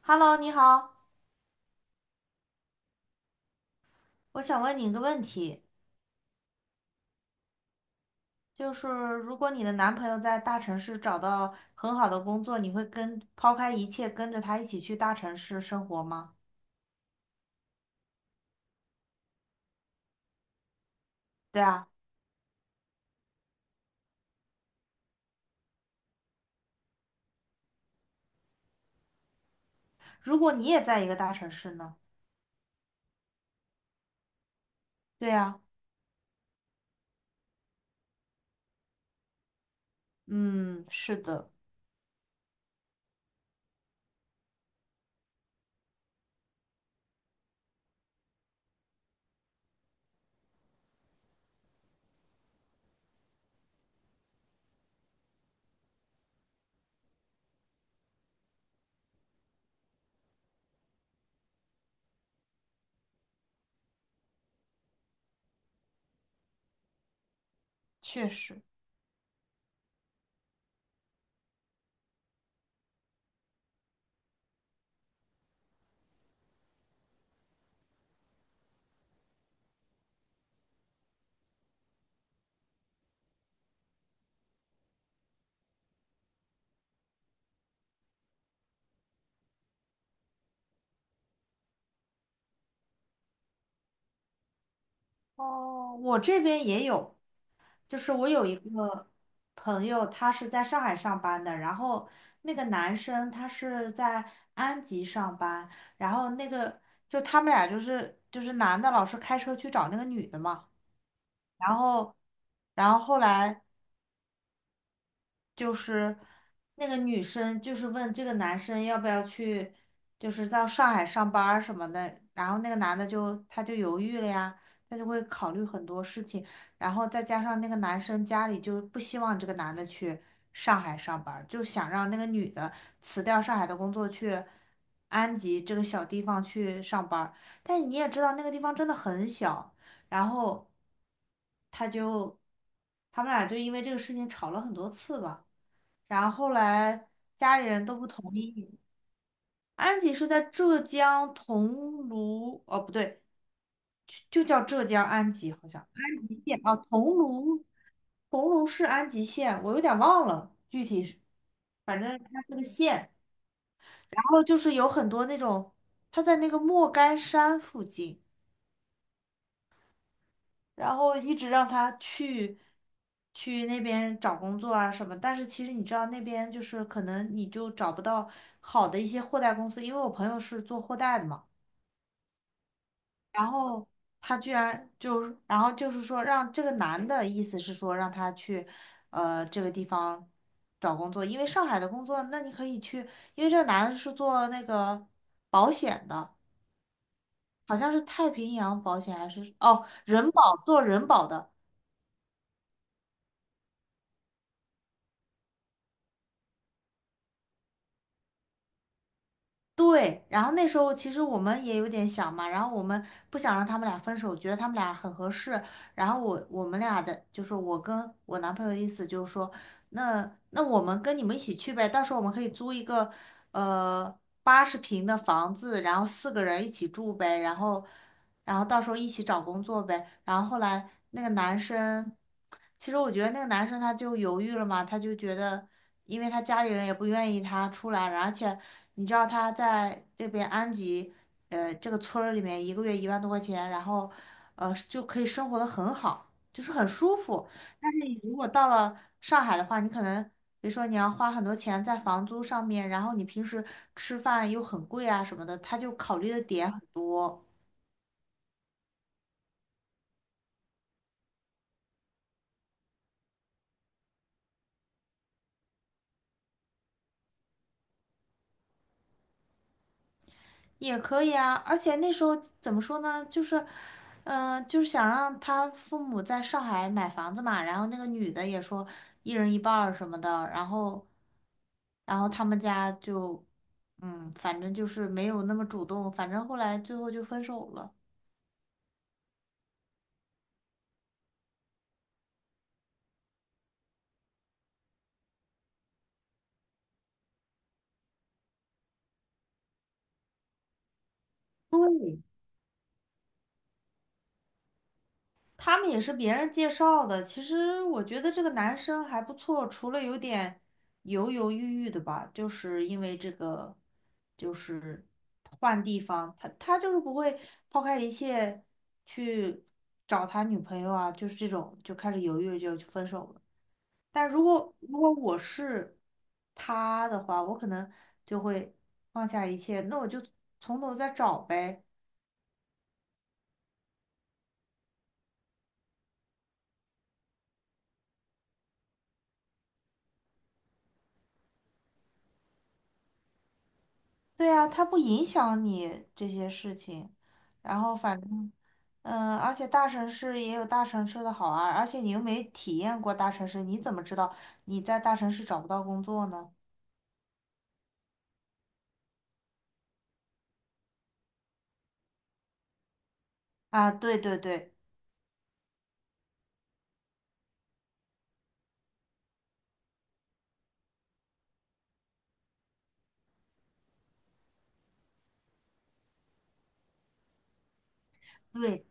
Hello，你好，我想问你一个问题，就是如果你的男朋友在大城市找到很好的工作，你会跟抛开一切跟着他一起去大城市生活吗？对啊，如果你也在一个大城市呢？对啊，嗯，是的，确实。哦，我这边也有。就是我有一个朋友，他是在上海上班的，然后那个男生他是在安吉上班，然后那个就他们俩就是男的老是开车去找那个女的嘛，然后然后后来。就是那个女生就是问这个男生要不要去，就是到上海上班儿什么的，然后那个男的他就犹豫了呀，他就会考虑很多事情，然后再加上那个男生家里就是不希望这个男的去上海上班儿就想让那个女的辞掉上海的工作去安吉这个小地方去上班儿，但你也知道那个地方真的很小。然后他就他们俩就因为这个事情吵了很多次吧。然后后来家里人都不同意。安吉是在浙江桐庐，哦不对，就就叫浙江安吉，好像安吉县啊，桐庐，桐庐市安吉县，我有点忘了具体是，反正它是个县。然后就是有很多那种，它在那个莫干山附近。然后一直让他去那边找工作啊什么，但是其实你知道那边就是可能你就找不到好的一些货代公司，因为我朋友是做货代的嘛，然后他居然就是然后就是说让这个男的意思是说让他去这个地方找工作，因为上海的工作，那你可以去，因为这个男的是做那个保险的，好像是太平洋保险还是哦人保做人保的。对，然后那时候其实我们也有点想嘛，然后我们不想让他们俩分手，觉得他们俩很合适。然后我们俩的就是我跟我男朋友的意思就是说，那我们跟你们一起去呗，到时候我们可以租一个呃80平的房子，然后四个人一起住呗，然后到时候一起找工作呗。然后后来那个男生，其实我觉得那个男生他就犹豫了嘛，他就觉得，因为他家里人也不愿意他出来，而且你知道他在这边安吉，这个村儿里面一个月1万多块钱，就可以生活的很好，就是很舒服。你如果到了上海的话，你可能。比如说你要花很多钱在房租上面，然后你平时吃饭又很贵啊什么的，他就考虑的点很多。也可以啊，而且那时候怎么说呢，就是，嗯、就是想让他父母在上海买房子嘛，然后那个女的也说一人一半儿什么的，然后，他们家就，嗯，反正就是没有那么主动，反正后来最后就分手了。对，他们也是别人介绍的。其实我觉得这个男生还不错，除了有点犹犹豫豫的吧，就是因为这个，就是换地方，他就是不会抛开一切去找他女朋友啊，就是这种就开始犹豫就分手了。但如果我是他的话，我可能就会放下一切，那我就从头再找呗。对啊，它不影响你这些事情，然后反正，嗯，而且大城市也有大城市的好啊，而且你又没体验过大城市，你怎么知道你在大城市找不到工作呢？啊，对对对对，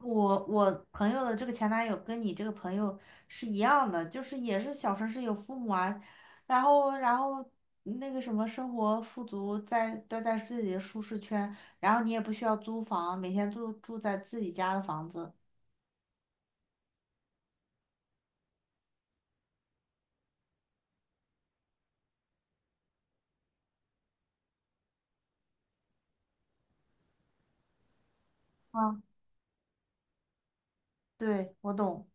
我朋友的这个前男友跟你这个朋友是一样的，就是也是小城市有父母啊，然后那个什么生活富足在，待在自己的舒适圈，然后你也不需要租房，每天住在自己家的房子。啊，对，我懂。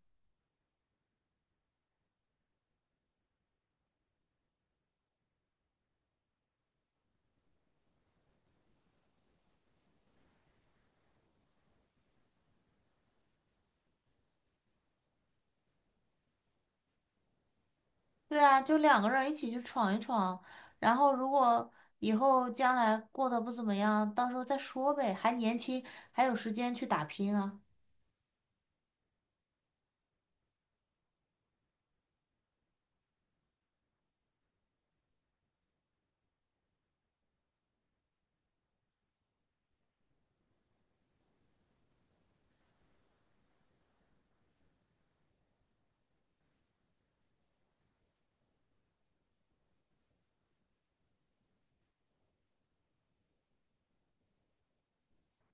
对啊，就两个人一起去闯一闯，然后如果以后将来过得不怎么样，到时候再说呗，还年轻，还有时间去打拼啊。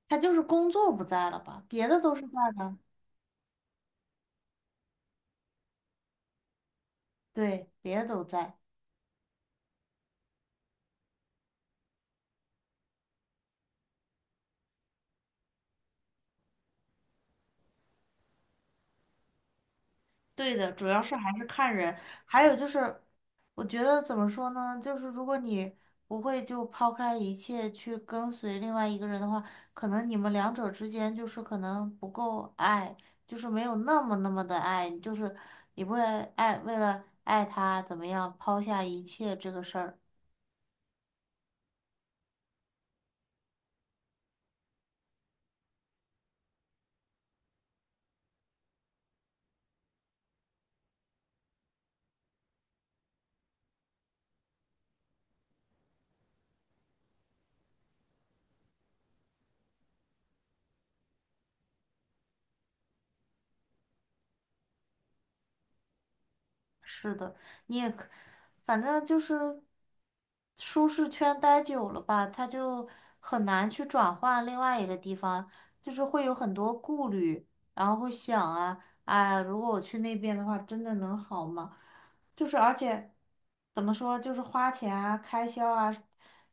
他就是工作不在了吧，别的都是在的，对，别的都在。对的，主要是还是看人，还有就是，我觉得怎么说呢，就是如果你不会就抛开一切去跟随另外一个人的话，可能你们两者之间就是可能不够爱，就是没有那么那么的爱，就是你不会爱，为了爱他怎么样抛下一切这个事儿。是的，你也可，反正就是舒适圈待久了吧，他就很难去转换另外一个地方，就是会有很多顾虑，然后会想啊，哎呀如果我去那边的话，真的能好吗？就是而且怎么说，就是花钱啊、开销啊，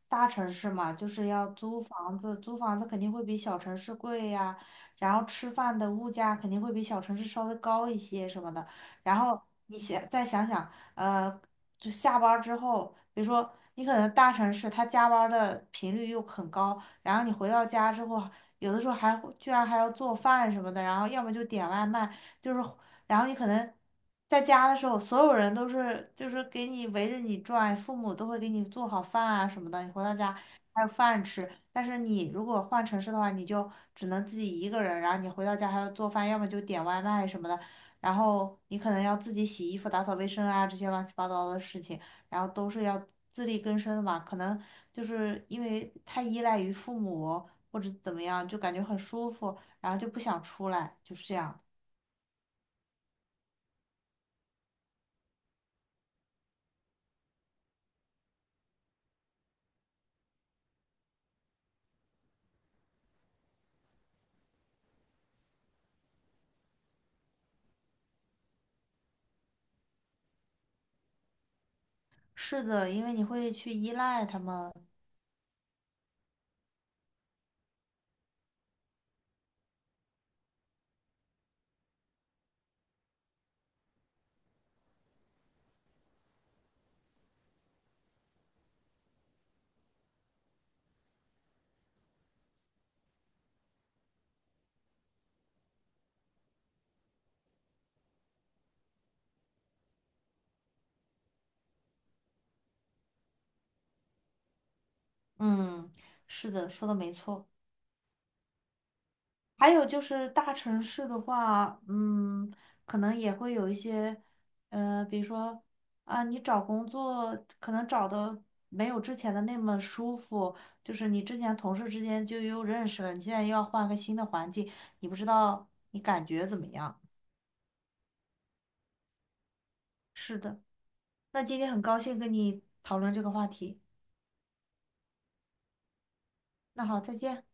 大城市嘛，就是要租房子，租房子肯定会比小城市贵呀，然后吃饭的物价肯定会比小城市稍微高一些什么的。然后你想再想想，呃，就下班儿之后，比如说你可能大城市他加班儿的频率又很高，然后你回到家之后，有的时候还会居然还要做饭什么的，然后要么就点外卖，就是然后你可能在家的时候，所有人都是就是给你围着你转，父母都会给你做好饭啊什么的，你回到家还有饭吃。但是你如果换城市的话，你就只能自己一个人，然后你回到家还要做饭，要么就点外卖什么的。然后你可能要自己洗衣服、打扫卫生啊，这些乱七八糟的事情，然后都是要自力更生的嘛。可能就是因为太依赖于父母或者怎么样，就感觉很舒服，然后就不想出来，就是这样。是的，因为你会去依赖他们。嗯，是的，说的没错。还有就是大城市的话，嗯，可能也会有一些，比如说啊，你找工作可能找的没有之前的那么舒服，就是你之前同事之间就又认识了，你现在又要换个新的环境，你不知道你感觉怎么样？是的，那今天很高兴跟你讨论这个话题，那好，再见。